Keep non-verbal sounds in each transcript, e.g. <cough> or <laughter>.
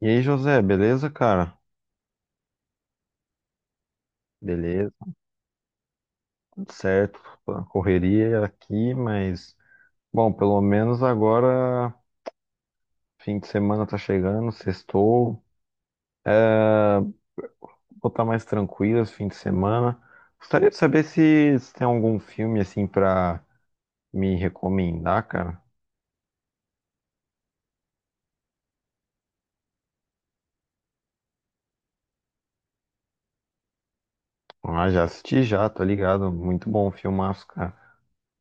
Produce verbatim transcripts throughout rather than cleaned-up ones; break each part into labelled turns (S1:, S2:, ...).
S1: E aí, José, beleza, cara? Beleza, tudo certo. A Correria aqui, mas bom, pelo menos agora fim de semana tá chegando, sextou, vou estar mais tranquilo esse fim de semana. Gostaria de saber se, se tem algum filme assim pra me recomendar, cara. Ah, já assisti já, tá ligado? Muito bom, o filmaço, cara.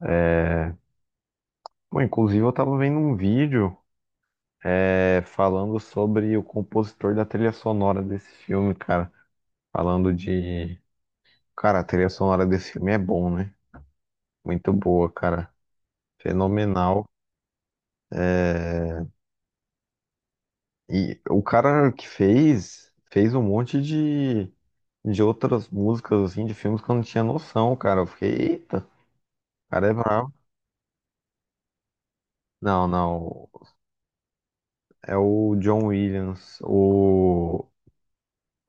S1: É... Bom, inclusive eu tava vendo um vídeo é, falando sobre o compositor da trilha sonora desse filme, cara. Falando de Cara, a trilha sonora desse filme é bom, né? Muito boa, cara. Fenomenal. É, E o cara que fez, fez um monte de, de outras músicas, assim, de filmes que eu não tinha noção, cara. Eu fiquei, eita, o cara é bravo. Não, não. É o John Williams, o,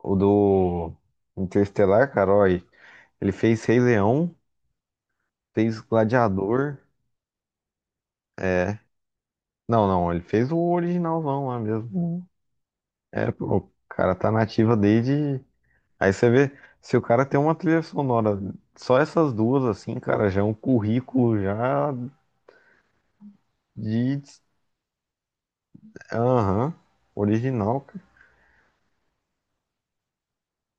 S1: o do Interestelar, cara. Ó, aí. Ele fez Rei Leão, fez Gladiador. É. Não, não. Ele fez o originalzão lá mesmo. É, pô, o cara tá nativa desde. Aí você vê, se o cara tem uma trilha sonora, só essas duas, assim, cara, já é um currículo já de. Aham, original, cara.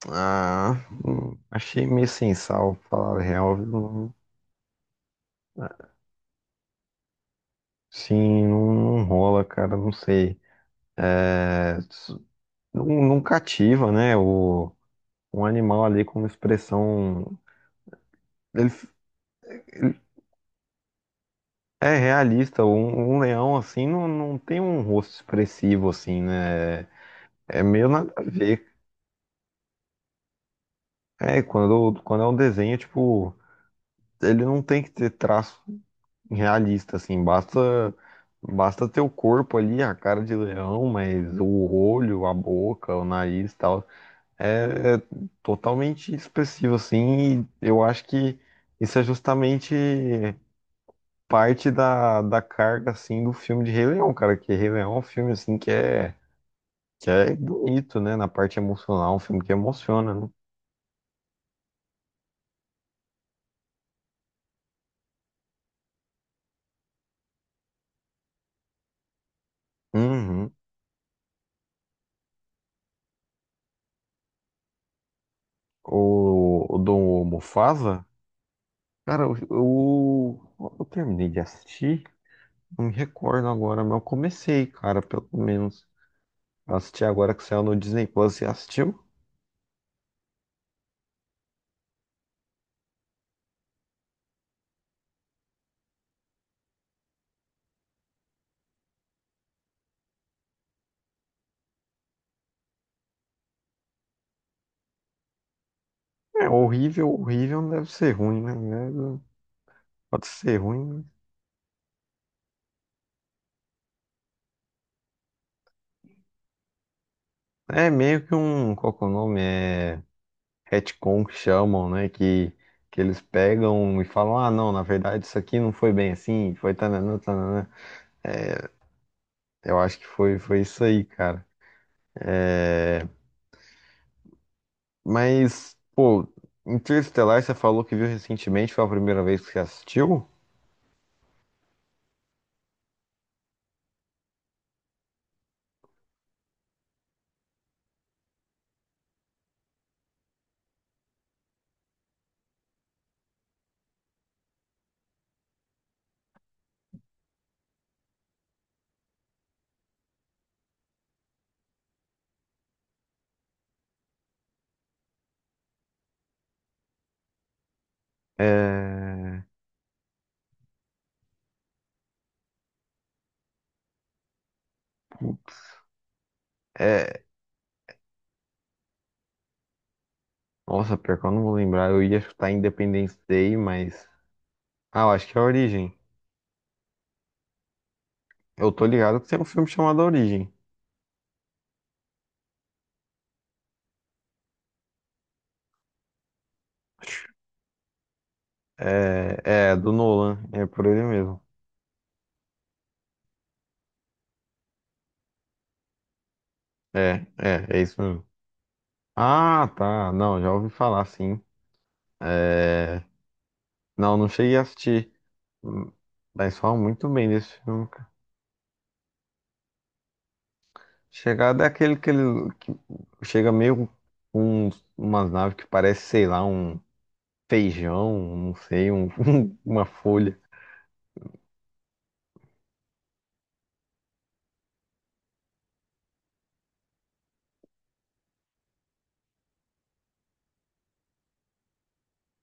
S1: Ah, hum, achei meio sem sal, pra falar a real. Viu? Não- é, Sim, não, não rola, cara, não sei. É, s- não, não cativa, né? O, um animal ali como expressão. Ele, É realista, um, um leão assim não, não tem um rosto expressivo assim, né? É é meio nada a ver. É, quando, quando é um desenho, tipo, ele não tem que ter traço realista, assim, basta, basta ter o corpo ali, a cara de leão, mas o olho, a boca, o nariz e tal, é, é totalmente expressivo, assim, e eu acho que isso é justamente parte da, da carga, assim, do filme de Rei Leão, cara, que Rei Leão é um filme, assim, que é Que é bonito, né? Na parte emocional, um filme que emociona, né? Uhum. O, o do Mufasa, cara, eu, eu, eu terminei de assistir, não me recordo agora, mas eu comecei, cara, pelo menos. Eu assisti agora que saiu no Disney Plus, você assistiu? É horrível, horrível, não deve ser ruim, né? É, Pode ser ruim. Né? É meio que um, qual que é o nome? É retcon que chamam, né? Que, que eles pegam e falam, ah, não, na verdade isso aqui não foi bem assim, foi tananã, tananã. Eu acho que foi, foi isso aí, cara. É, Mas, pô, Interestelar, você falou que viu recentemente, foi a primeira vez que você assistiu? É. É. Nossa, pior que eu não vou lembrar. Eu ia chutar Independence Day, mas. Ah, eu acho que é a Origem. Eu tô ligado que tem um filme chamado A Origem. É, é, do Nolan. É por ele mesmo. É, é, é isso mesmo. Ah, tá. Não, já ouvi falar, sim. É. Não, não cheguei a assistir. Hum. Mas falam muito bem desse filme. Chegada é aquele que ele que chega meio com uns- umas naves que parece, sei lá, um feijão, não sei, um- <laughs> uma folha.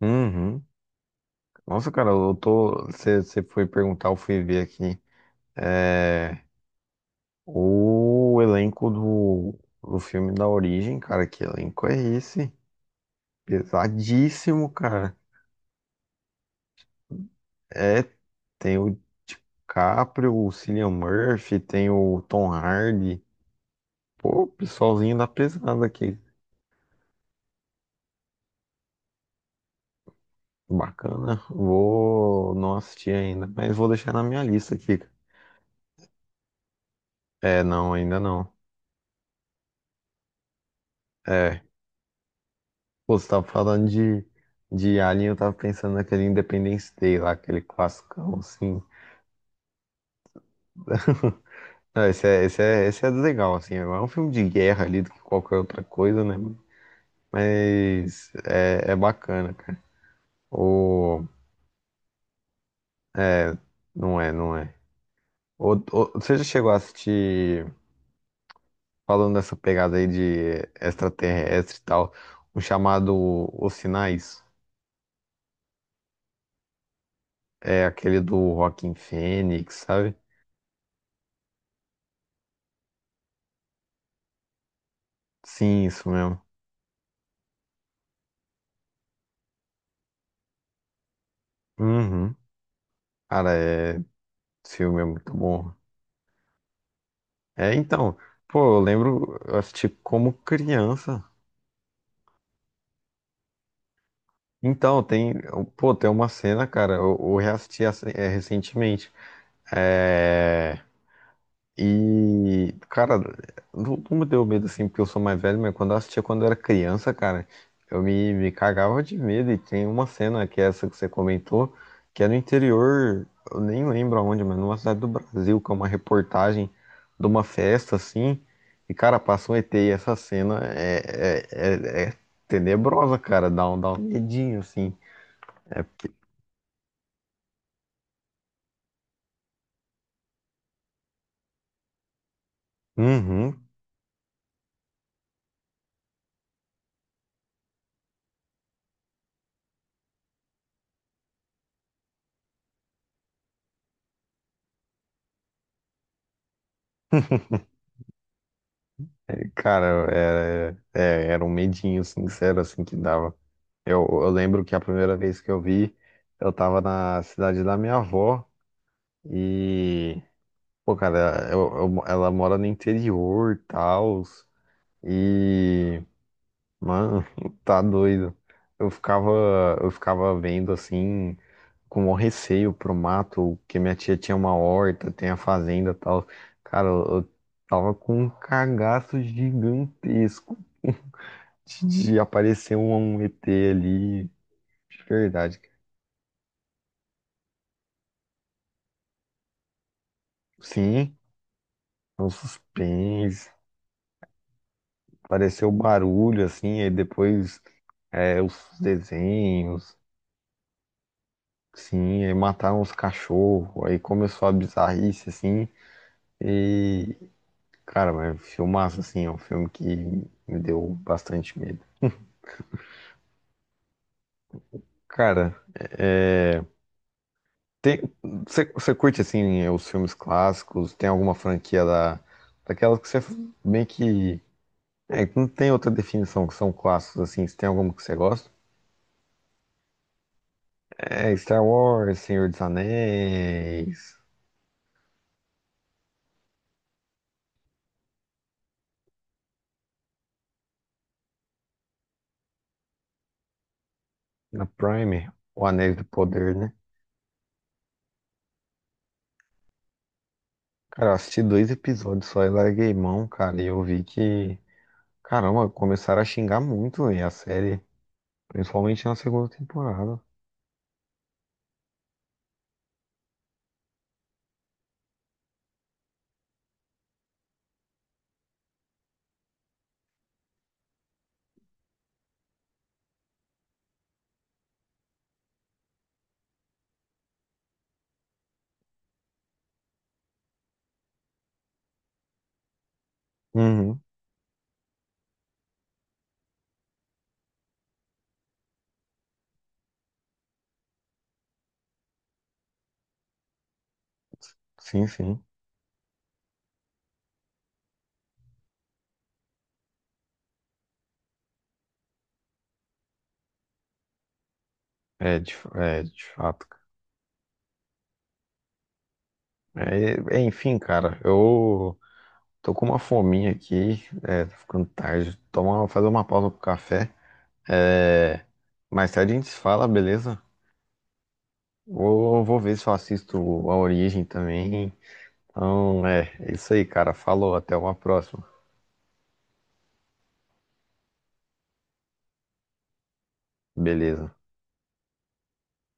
S1: Uhum. Nossa, cara, eu tô. Você foi perguntar, eu fui ver aqui. É, o elenco do, do filme da Origem, cara, que elenco é esse? Pesadíssimo, cara. É, Tem o DiCaprio, o Cillian Murphy, tem o Tom Hardy. Pô, pessoalzinho da pesada aqui. Bacana. Vou não assisti ainda, mas vou deixar na minha lista aqui. É, não, ainda não. É, Pô, você tava falando de, de Alien, eu tava pensando naquele Independence Day lá, aquele classicão, assim. <laughs> Não, esse é, esse é, esse é legal, assim. É um filme de guerra ali do que qualquer outra coisa, né? Mas é, é bacana, cara. Ou, é, não é, não é. Ou, ou- você já chegou a assistir falando nessa pegada aí de extraterrestre e tal, o chamado Os Sinais é aquele do Joaquin Phoenix, sabe? Sim, isso mesmo. Uhum. Cara, é... esse filme é muito bom. É, então, pô, eu lembro, eu assisti como criança. Então, tem, pô, tem uma cena, cara, eu, eu reassisti essa- é, recentemente. É, E, cara, não, não me deu medo assim, porque eu sou mais velho, mas quando eu assistia quando eu era criança, cara, eu me, me cagava de medo. E tem uma cena que é essa que você comentou, que é no interior, eu nem lembro aonde, mas numa cidade do Brasil, que é uma reportagem de uma festa assim. E, cara, passa um E T e essa cena é, é, é, é tenebrosa, cara, dá um, dá um medinho assim. Uhum, cara, era, é, é, era um medinho sincero assim que dava. Eu, eu lembro que a primeira vez que eu vi, eu tava na cidade da minha avó e, pô, cara, eu- eu- ela mora no interior e tal, e, mano, <laughs> tá doido. Eu ficava, eu ficava vendo assim, com o receio pro mato, que minha tia tinha uma horta, tem a fazenda e tal. Cara, eu, eu tava com um cagaço gigantesco de de aparecer um, um E T ali, de verdade. Sim. Um suspense, apareceu barulho, assim, aí depois é, os desenhos, sim, aí mataram os cachorros, aí começou a bizarrice, assim, e, cara, mas é um filmaço, assim, é um filme que me deu bastante medo. Cara, você curte, assim, os filmes clássicos, tem alguma franquia da, daquelas que você meio que, é, não tem outra definição que são clássicos, assim, se tem alguma que você gosta? É, Star Wars, Senhor dos Anéis, na Prime, o Anéis do Poder, né? Cara, eu assisti dois episódios só e larguei mão, cara, e eu vi que, caramba, começaram a xingar muito, véi, a série, principalmente na segunda temporada. Uhum, sim, sim, é de, é, de fato. É, é, enfim, cara, eu tô com uma fominha aqui, é, tá ficando tarde, tomar, fazer uma pausa pro café, é, mais tarde a gente se fala, beleza? Vou, vou ver se eu assisto a Origem também. Então, é, é isso aí, cara. Falou, até uma próxima. Beleza.